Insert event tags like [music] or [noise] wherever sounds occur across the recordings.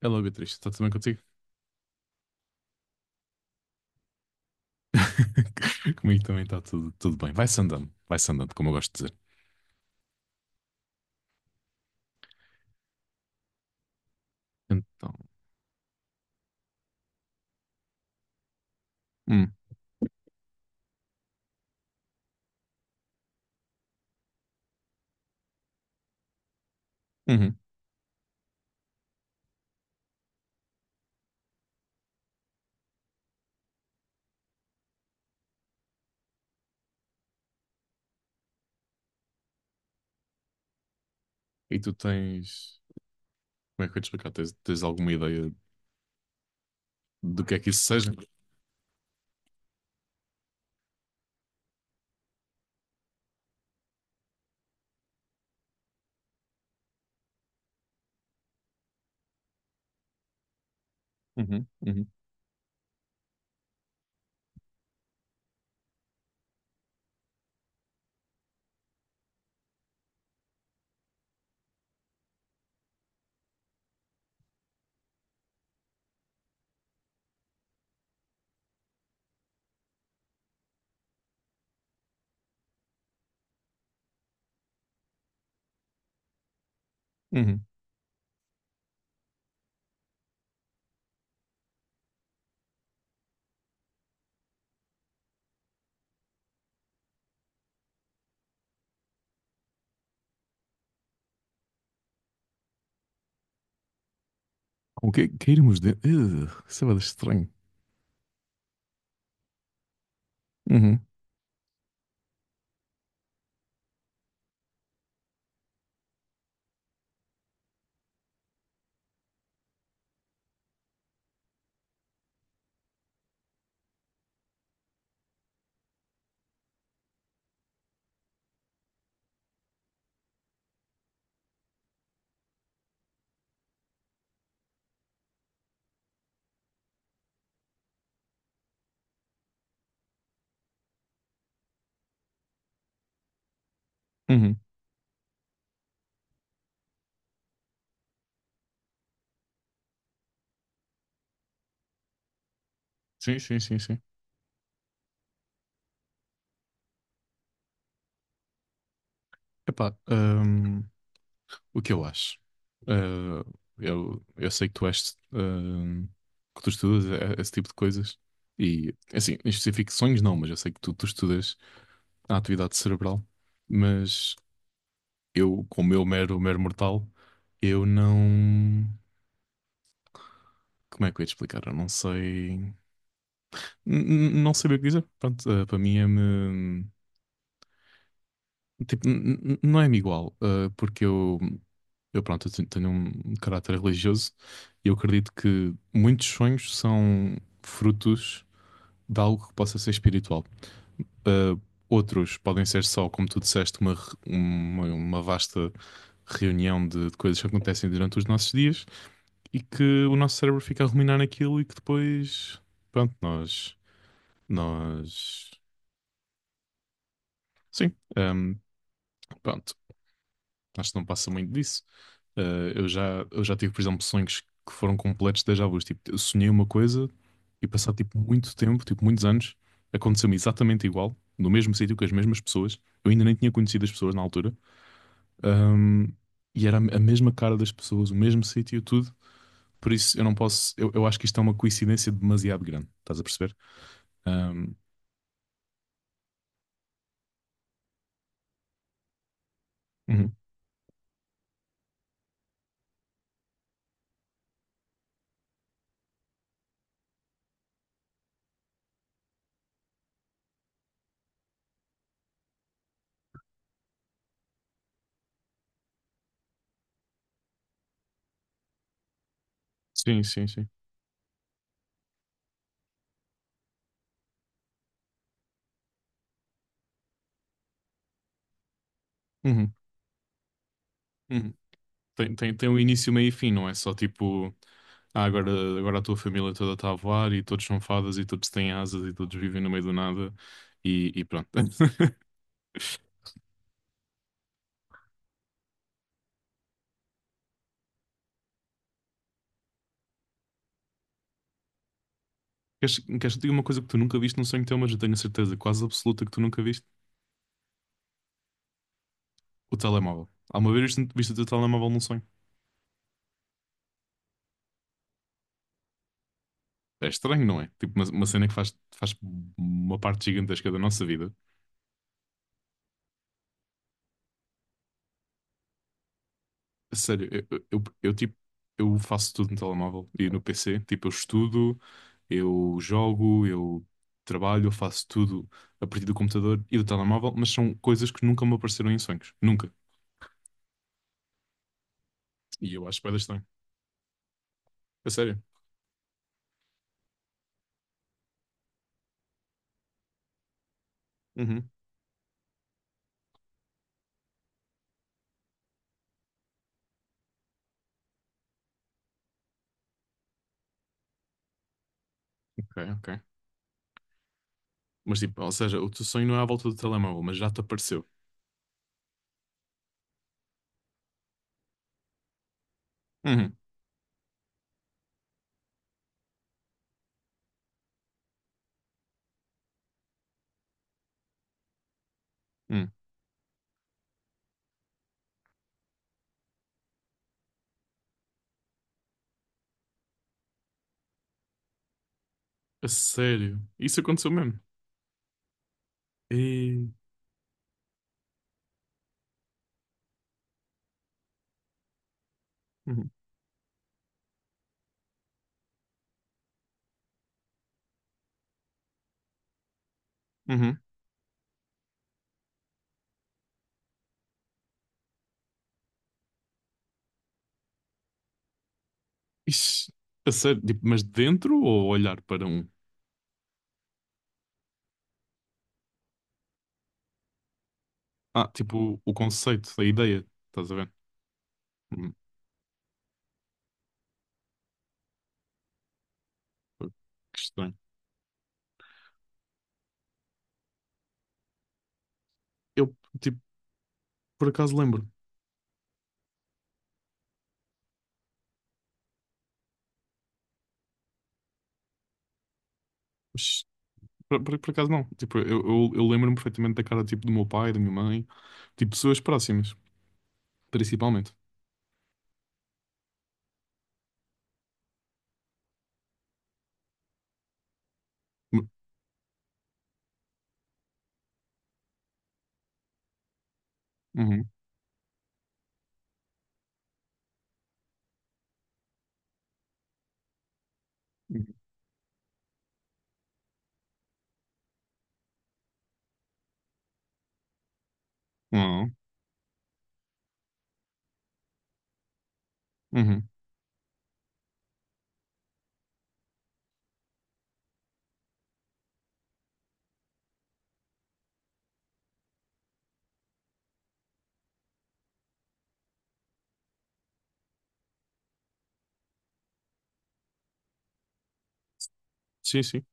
É logo triste. Está tudo bem contigo? [laughs] Comigo também está tudo bem. Vai-se andando, como eu gosto de dizer. Então, hum, uhum. E tu tens, como é que eu ia te explicar? Tens alguma ideia do que é que isso seja? Uhum, uhum, uhum. Com que, cairmos de... isso é bué estranho. Uhum, uhum. Sim, sim, sim, sim. Epá, o que eu acho? Uh, eu sei que tu és que tu estudas esse tipo de coisas. E, assim, em específico, sonhos não, mas eu sei que tu estudas à atividade cerebral, mas eu, como eu mero, mero mortal, eu não. Como é que eu ia te explicar? Eu não sei. Não sei bem o que dizer. Pronto, para mim é-me. Tipo, não é-me igual, porque eu. Eu, pronto, eu tenho um caráter religioso e eu acredito que muitos sonhos são frutos de algo que possa ser espiritual. Eh, outros podem ser só, como tu disseste, uma vasta reunião de coisas que acontecem durante os nossos dias e que o nosso cérebro fica a ruminar naquilo e que depois, pronto, nós, sim, pronto, acho que não passa muito disso. Eu já tive, por exemplo, sonhos que foram completos déjà vus, tipo, eu sonhei uma coisa e passado, tipo, muito tempo, tipo, muitos anos, aconteceu-me exatamente igual, no mesmo sítio, com as mesmas pessoas, eu ainda nem tinha conhecido as pessoas na altura. Ahm, e era a mesma cara das pessoas, o mesmo sítio, tudo. Por isso eu não posso. Eu acho que isto é uma coincidência demasiado grande. Estás a perceber? Ahm, uhum. Sim, sim, sim. Uhum, uhum. Tem um início, meio e fim, não é só tipo. Ah, agora a tua família toda está a voar e todos são fadas e todos têm asas e todos vivem no meio do nada e pronto. [laughs] Queres que te diga uma coisa que tu nunca viste num sonho teu, mas eu tenho a certeza quase absoluta que tu nunca viste? O telemóvel. Alguma vez viste o teu telemóvel num sonho? É estranho, não é? Tipo, uma cena que faz uma parte gigantesca da nossa vida. A sério, tipo, eu faço tudo no telemóvel e no PC. Tipo, eu estudo, eu jogo, eu trabalho, eu faço tudo a partir do computador e do telemóvel, mas são coisas que nunca me apareceram em sonhos. Nunca. E eu acho bué de estranho. A sério. Uhum. Ok, ok. Mas tipo, ou seja, o teu sonho não é à volta do telemóvel, mas já te apareceu. Uhum. Uhum. A sério. Isso aconteceu mesmo. E... Uhum. Uhum. Ixi, a sério, tipo, mas de dentro ou olhar para um? Ah, tipo, o conceito, a ideia, estás a ver? Hum, que estranho. Eu, tipo, por acaso lembro. Mas, por acaso não. Tipo, eu lembro-me perfeitamente da cara, tipo, do meu pai, da minha mãe. Tipo, pessoas próximas, principalmente. Uhum. Uhum. Uhum. Ah, uhum. Sim, sim.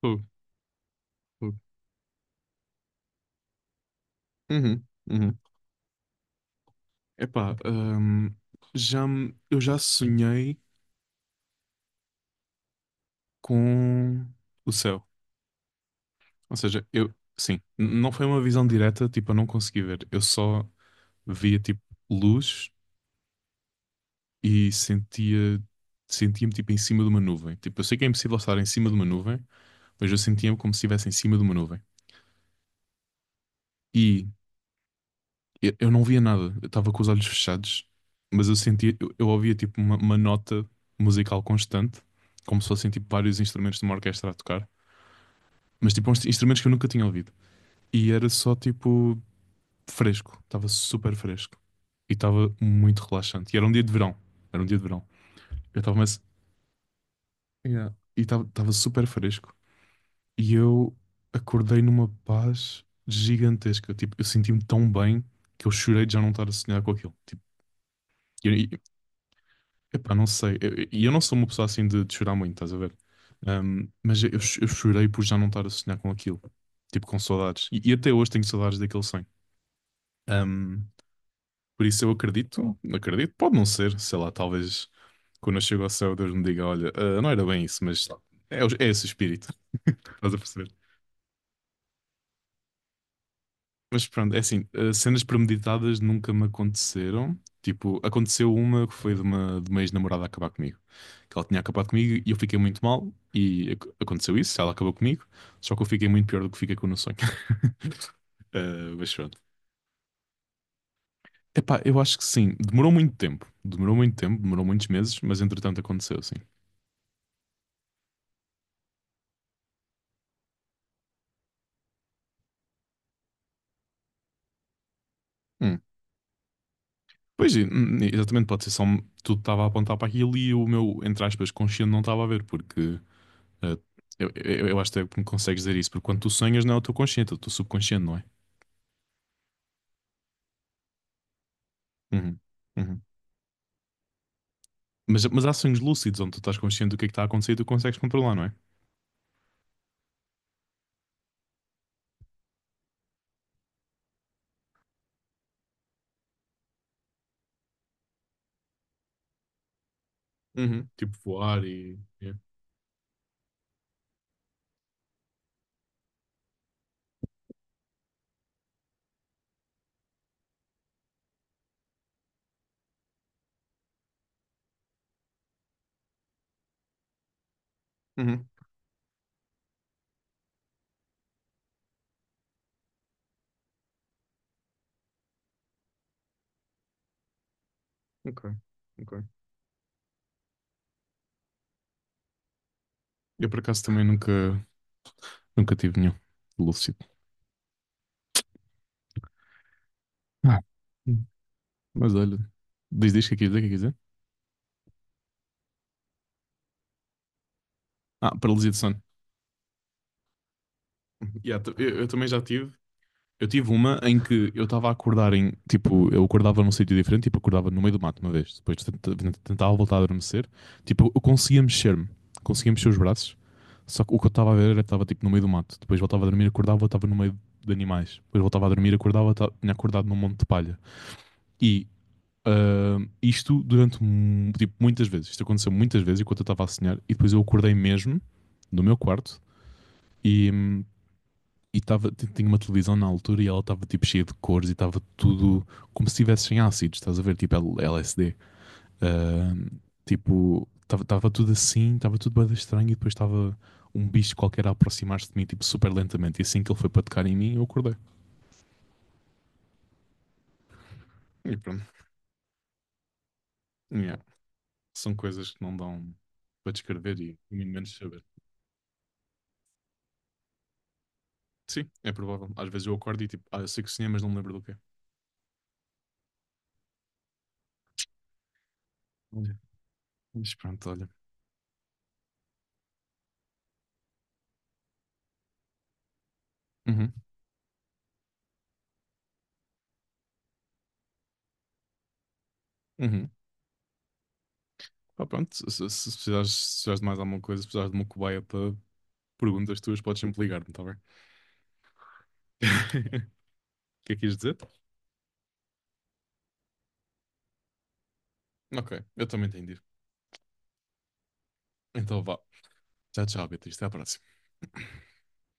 Fogo, fogo. Uhum. Uhum. Epá, eu já sonhei com o céu. Ou seja, eu, sim, não foi uma visão direta, tipo, eu não consegui ver. Eu só via, tipo, luz e sentia, sentia-me, tipo, em cima de uma nuvem. Tipo, eu sei que é impossível estar em cima de uma nuvem, mas eu sentia-me como se estivesse em cima de uma nuvem. E eu não via nada, eu estava com os olhos fechados, mas eu sentia, eu ouvia, tipo, uma nota musical constante, como se fossem, tipo, vários instrumentos de uma orquestra a tocar. Mas, tipo, uns instrumentos que eu nunca tinha ouvido. E era só, tipo, fresco, estava super fresco e estava muito relaxante. E era um dia de verão, era um dia de verão. Eu estava mas yeah, e estava super fresco e eu acordei numa paz gigantesca. Tipo, eu senti-me tão bem que eu chorei de já não estar a sonhar com aquilo. Tipo, e eu, e- epá, não sei. Eu, não sou uma pessoa assim de chorar muito, estás a ver? Um, mas eu chorei por já não estar a sonhar com aquilo. Tipo, com saudades. E até hoje tenho saudades daquele sonho. Um, por isso eu acredito, acredito, pode não ser, sei lá, talvez quando eu chego ao céu Deus me diga, olha, ah, não era bem isso, mas é esse o espírito. [laughs] Estás a perceber? Mas pronto, é assim, ah, cenas premeditadas nunca me aconteceram. Tipo, aconteceu uma que foi de de uma ex-namorada acabar comigo. Que ela tinha acabado comigo e eu fiquei muito mal e aconteceu isso, ela acabou comigo, só que eu fiquei muito pior do que fiquei com o sonho. [laughs] Ah, mas pronto. Epá, eu acho que sim, demorou muito tempo, demorou muito tempo, demorou muitos meses, mas entretanto aconteceu, sim. Hum. Pois, exatamente, pode ser só tudo estava a apontar para aquilo e o meu, entre aspas, consciente não estava a ver, porque eh, eu acho até que me consegues dizer isso, porque quando tu sonhas não é o teu consciente, é o teu subconsciente, não é? Uhum, uhum. Mas há sonhos lúcidos onde tu estás consciente do que é que está a acontecer e tu consegues controlar, não é? Uhum. Tipo voar e yeah. Uhum. Ok, ok. Eu por acaso também nunca tive nenhum lúcido. Ah. Hum. Mas olha, diz o que é que quis dizer, o que é que quis dizer? Ah, paralisia de sono. Yeah, eu também já tive. Eu tive uma em que eu estava a acordar em. Tipo, eu acordava num sítio diferente, tipo, acordava no meio do mato uma vez. Depois tentava voltar a adormecer. Tipo, eu conseguia mexer-me. Conseguia mexer os braços. Só que o que eu estava a ver era que estava tipo no meio do mato. Depois voltava a dormir, acordava, estava no meio de animais. Depois voltava a dormir, acordava, tinha acordado num monte de palha. E ah, isto durante tipo, muitas vezes. Isto aconteceu muitas vezes enquanto eu estava a sonhar. E depois eu acordei mesmo do meu quarto e tinha uma televisão na altura e ela estava tipo cheia de cores e estava tudo como se estivesse em ácidos, estás a ver? Tipo LSD. Ah, tipo, estava tudo assim, estava tudo bem estranho e depois estava um bicho qualquer a aproximar-se de mim, tipo, super lentamente. E assim que ele foi para tocar em mim, eu acordei. E pronto. Yeah. São coisas que não dão para descrever e muito menos saber. Sim, é provável. Às vezes eu acordo e tipo, ah, eu sei que sonhei, mas não me lembro do quê. Olha, mas pronto, olha. Uhum, uhum. Pá, pronto, se precisares, se precisares de mais alguma coisa, se precisares de uma cobaia para perguntas tuas, podes sempre ligar-me, está bem? [laughs] O que é que quis dizer? Ok, eu também entendi. Então vá. Tchau, tchau, Beatriz. Até à próxima.